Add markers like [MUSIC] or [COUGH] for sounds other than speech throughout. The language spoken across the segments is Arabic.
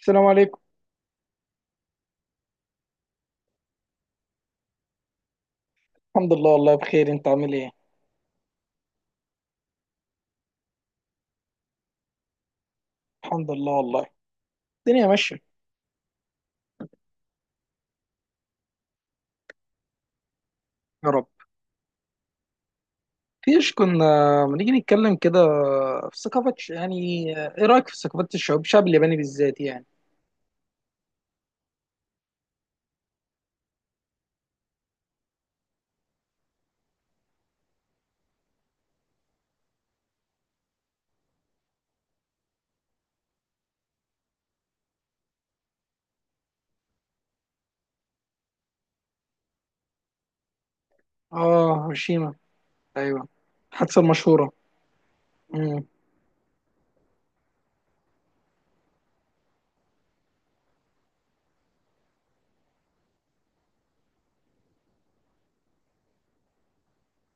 السلام عليكم. الحمد لله، والله بخير. انت عامل ايه؟ الحمد لله والله. الدنيا ماشيه. يا رب. فيش كنا، ما نيجي نتكلم كده في ثقافه يعني. ايه رايك في ثقافات الشعوب، الشعب الياباني بالذات يعني؟ اه، هيروشيما. ايوه، الحادثه المشهوره. امم.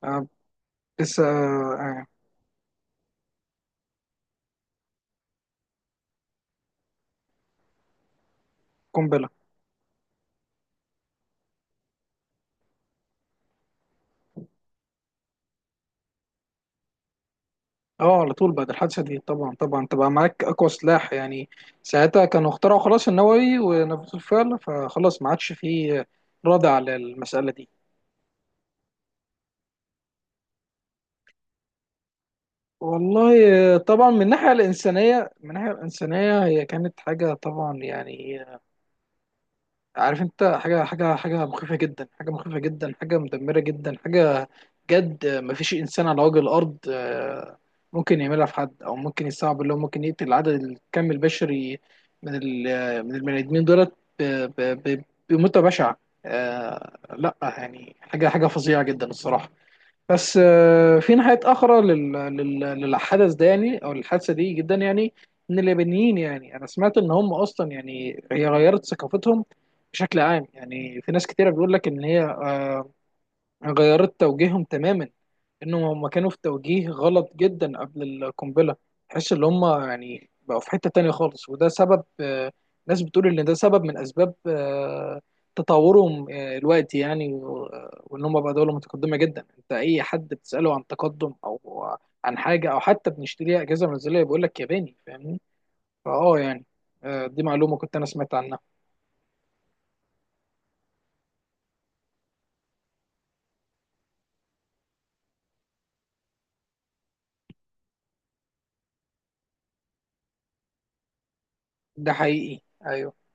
آه. لسه آه. آه. قنبله. اه، على طول. بعد الحادثه دي طبعا طبعا تبقى معاك اقوى سلاح يعني. ساعتها كانوا اخترعوا خلاص النووي ونفذوه الفعل، فخلاص ما عادش فيه رادع للمساله دي. والله. طبعا، من الناحيه الانسانيه هي كانت حاجه طبعا يعني. عارف انت، حاجه حاجه حاجه مخيفه جدا، حاجه مخيفه جدا، حاجه مدمره جدا، حاجه جد، مفيش انسان على وجه الارض ممكن يعملها في حد، او ممكن يستوعب اللي هو ممكن يقتل العدد الكم البشري من البني ادمين دولت ب- ب- ب- بموتة بشعه. لا يعني، حاجه حاجه فظيعه جدا الصراحه. بس في ناحية أخرى للحدث ده يعني، أو الحادثة دي، جدا يعني، إن اليابانيين يعني، أنا سمعت إن هم أصلا يعني هي غيرت ثقافتهم بشكل عام يعني. في ناس كتيرة بيقول لك إن هي غيرت توجيههم تماما. انهم هم كانوا في توجيه غلط جدا قبل القنبله. تحس ان هم يعني بقوا في حته تانية خالص، وده سبب ناس بتقول ان ده سبب من اسباب تطورهم الوقت يعني وان هم بقى دوله متقدمه جدا. انت اي حد بتساله عن تقدم، او عن حاجه، او حتى بنشتريها اجهزه منزليه، بيقول لك ياباني. فاهمني؟ فاه يعني. دي معلومه كنت انا سمعت عنها. ده حقيقي، ايوه.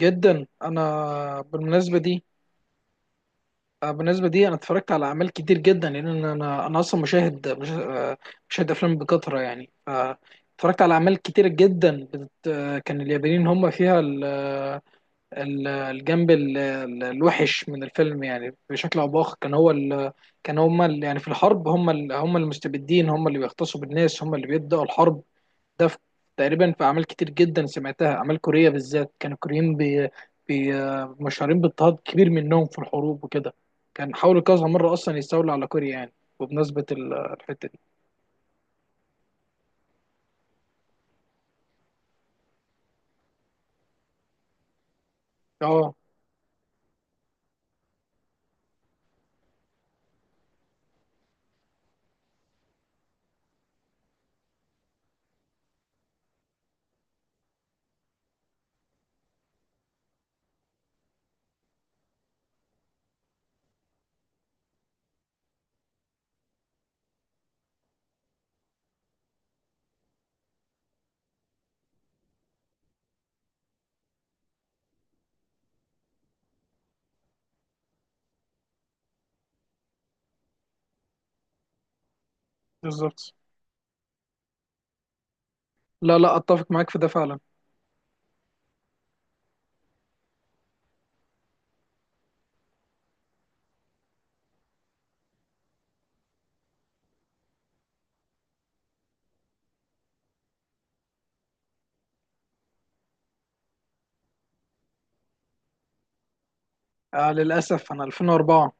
جدا. انا بالمناسبه دي، بالنسبة دي، أنا اتفرجت على أعمال كتير جدا، لأن أنا أصلا مشاهد مشاهد أفلام بكثرة يعني. اتفرجت على أعمال كتير جدا كان اليابانيين هم فيها الجنب الوحش من الفيلم، يعني بشكل أو بآخر كان هو كان هم يعني في الحرب هم هم المستبدين، هم اللي بيغتصبوا الناس، هم اللي بيبدأوا الحرب. ده في تقريبا، في اعمال كتير جدا سمعتها، اعمال كوريه بالذات. كان الكوريين بي بي مشهورين باضطهاد كبير منهم في الحروب وكده. كان حاولوا كذا مره اصلا يستولوا على كوريا يعني. وبمناسبه الحته دي. اه. بالظبط. لا لا، اتفق معاك في ده فعلا. للاسف، انا 2004.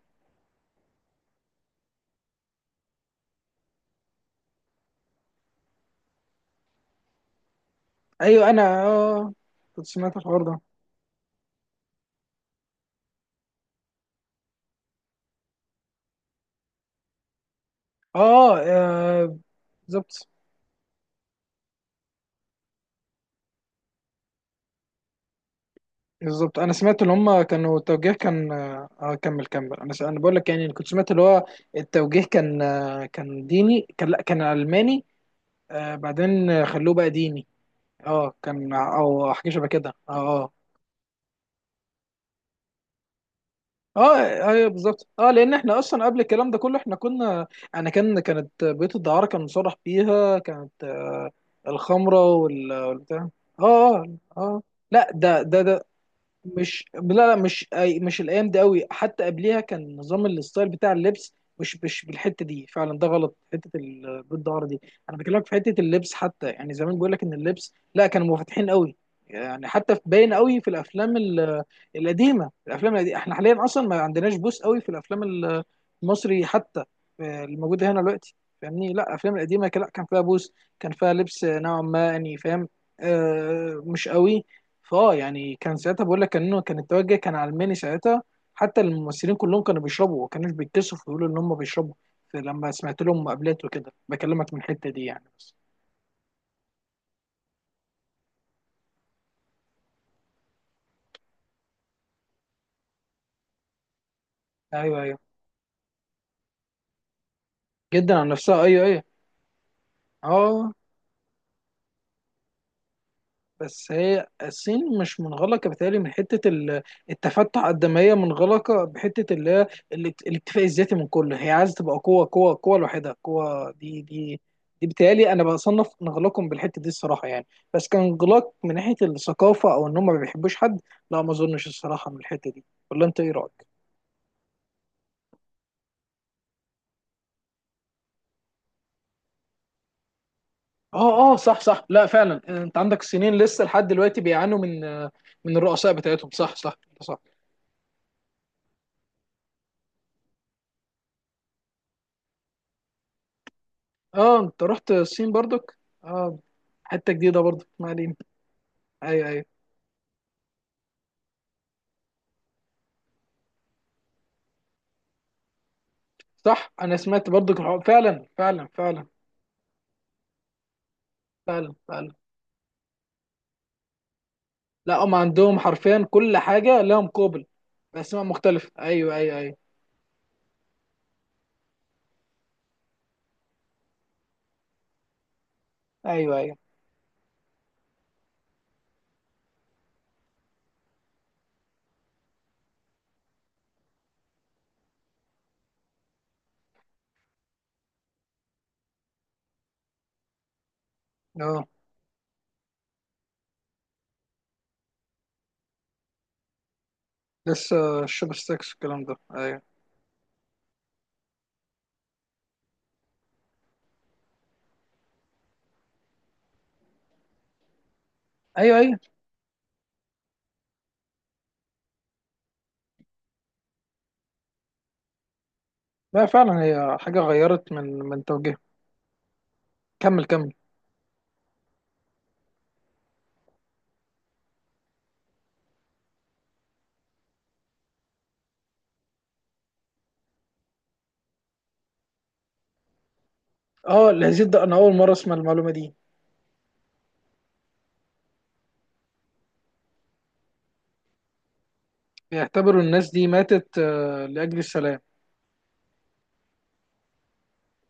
ايوه، انا كنت سمعت الحوار ده. اه، بالظبط، بالظبط. انا سمعت ان هم كانوا التوجيه كان، اه، كمل كمل. انا انا بقول لك يعني، كنت سمعت اللي هو التوجيه كان، كان ديني، كان، لا كان علماني، بعدين خلوه بقى ديني. اه، كان، او حاجه شبه كده. اه. اه، اه، ايوه، بالظبط. اه، لان احنا اصلا قبل الكلام ده كله احنا كنا، انا كانت بيوت الدعاره كان مصرح بيها، كانت الخمره والبتاع. اه، اه، اه. لا، ده مش، لا لا، مش مش الايام دي قوي، حتى قبليها كان نظام الستايل بتاع اللبس مش بالحته دي فعلا، ده غلط حته بالظهر دي. انا بكلمك في حته اللبس حتى، يعني زمان بيقول لك ان اللبس، لا كانوا منفتحين قوي، يعني حتى في باين قوي في الافلام القديمه، الافلام القديمه. احنا حاليا اصلا ما عندناش بوس قوي في الافلام المصري حتى، الموجوده هنا دلوقتي. فاهمني؟ لا الافلام القديمه لا، كان فيها بوس، كان فيها لبس نوعا ما يعني. فاهم؟ مش قوي. فاه يعني، كان ساعتها بقول لك انه كان التوجه كان علماني ساعتها. حتى الممثلين كلهم كانوا بيشربوا، وما كانوش بيتكسفوا يقولوا ان هم بيشربوا. لما سمعت لهم مقابلات وكده، بكلمك من الحته دي يعني. بس. ايوه، ايوه. جدا عن نفسها، ايوه، ايوه. اه. بس هي الصين مش منغلقة بتهيألي من حتة التفتح قد ما هي منغلقة بحتة اللي هي الاكتفاء الذاتي من كله، هي عايزة تبقى قوة قوة قوة لوحدها. قوة دي بتهيألي أنا بصنف انغلاقهم بالحتة دي الصراحة يعني. بس كان انغلاق من ناحية الثقافة، أو إن هم ما بيحبوش حد؟ لا، ما أظنش الصراحة من الحتة دي. ولا أنت إيه رأيك؟ اه، اه، صح، صح. لا فعلا، انت عندك الصينيين لسه لحد دلوقتي بيعانوا من، من الرؤساء بتاعتهم. صح، صح. صح. اه، انت رحت الصين برضك؟ اه. حته جديده برضك، ما علينا. ايوه، ايوه. صح، انا سمعت برضك الحوار. فعلا، فعلا، فعلا. فعلا، فعلا. لا، هم عندهم حرفيا كل حاجه لها مقابل باسماء مختلفه، ايوه، ايوه، ايوه. ايوه، ايوه، اه. لسه الشوب ستاكس الكلام ده، ايوه. ايوه، ايوه. لا فعلا، هي حاجه غيرت من توجيه. كمل كمل. اه، الهزيد ده انا اول مره اسمع المعلومه دي. بيعتبروا الناس دي ماتت لاجل السلام؟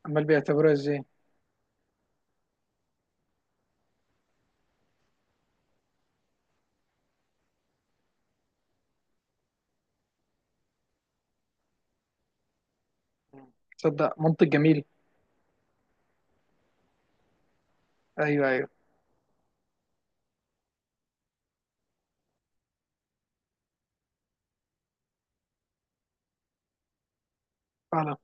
امال بيعتبروها ازاي؟ تصدق، منطق جميل. ايوه، ايوه. فعلا.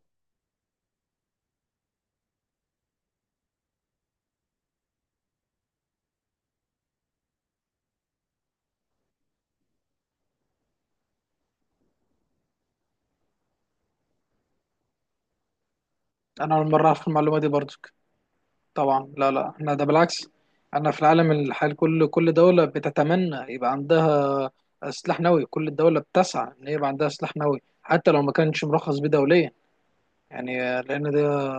انا اول مره اعرف المعلومه دي برضك. طبعا، لا لا، احنا ده بالعكس. انا في العالم الحالي، كل دوله بتتمنى يبقى عندها سلاح نووي. كل الدوله بتسعى ان يبقى عندها سلاح نووي، حتى لو ما كانش مرخص بيه دوليا. يعني لان ده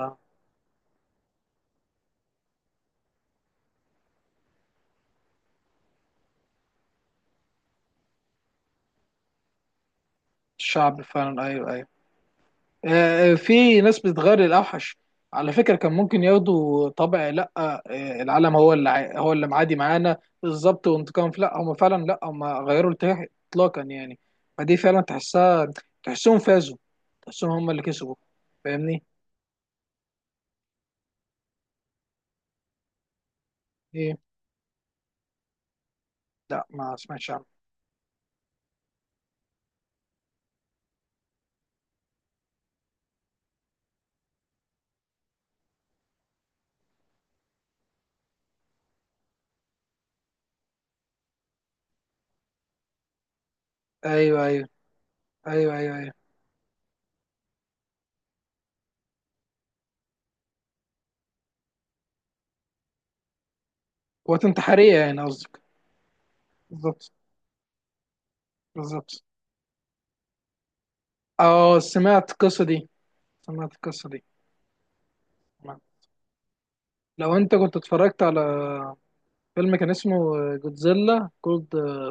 الشعب فعلا. ايوه، ايوه. في ناس بتغير الاوحش. على فكره كان ممكن ياخدوا طبع، لا العالم هو اللي معادي معانا بالظبط، وانتقام. لا هم فعلا، لا هم غيروا الاتجاه اطلاقا يعني. فدي فعلا تحسها. تحسهم فازوا. تحسهم هم اللي كسبوا. فاهمني؟ ايه؟ لا، ما سمعتش عنه. ايوه، ايوه، ايوه. ايوه، ايوه. قوات انتحاريه يعني قصدك؟ بالظبط، بالظبط. اه، سمعت القصه دي، سمعت القصه دي. لو انت كنت اتفرجت على فيلم كان اسمه جودزيلا كولد،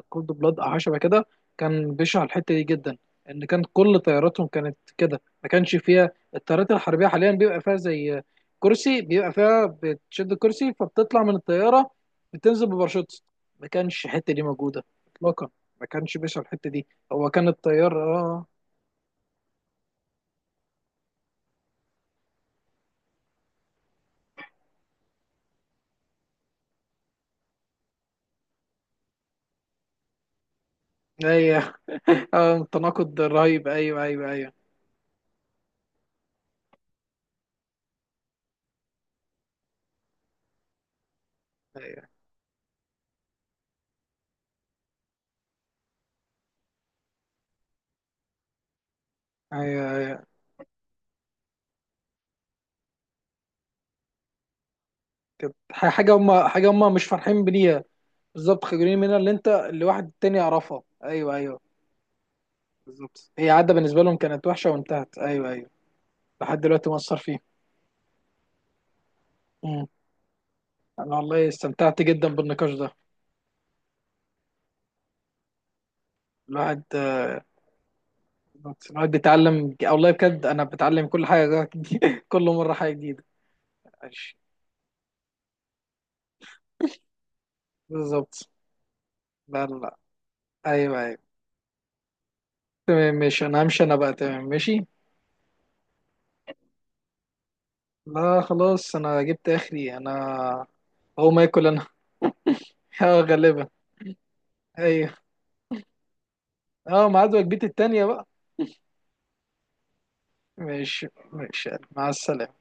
كولد بلاد او حاجه شبه كده، كان بيشرح الحته دي جدا. ان كان كل طياراتهم كانت كده، ما كانش فيها، الطيارات الحربيه حاليا بيبقى فيها زي كرسي، بيبقى فيها بتشد الكرسي فبتطلع من الطياره، بتنزل بباراشوت. ما كانش الحته دي موجوده اطلاقا. ما كانش بيشرح الحته دي، هو كان الطيار، اه. ايوه [LAUGHS] تناقض رهيب. ايوه، ايوه، ايوه. ايوه، ايوه، أيوة. كانت حاجه هم مش فرحين بيها. بالظبط، خجولين منها، اللي واحد تاني يعرفها. ايوه، ايوه. بالظبط، هي عاده بالنسبه لهم كانت وحشه وانتهت. ايوه، ايوه. لحد دلوقتي مؤثر فيه. امم. انا والله استمتعت جدا بالنقاش ده. الواحد بالظبط. الواحد بيتعلم والله بجد، انا بتعلم كل حاجه [LAUGHS] كل مره حاجه جديده. ماشي. بالظبط. لا لا لا. ايوه، ايوه. تمام ماشي. انا همشي انا بقى. تمام ماشي. لا خلاص، انا جبت اخري انا. هو ما ياكل انا [LAUGHS] اه، غالبا. ايوه. اه، ميعاد وجبتي التانيه بقى. ماشي. ماشي، مع السلامة.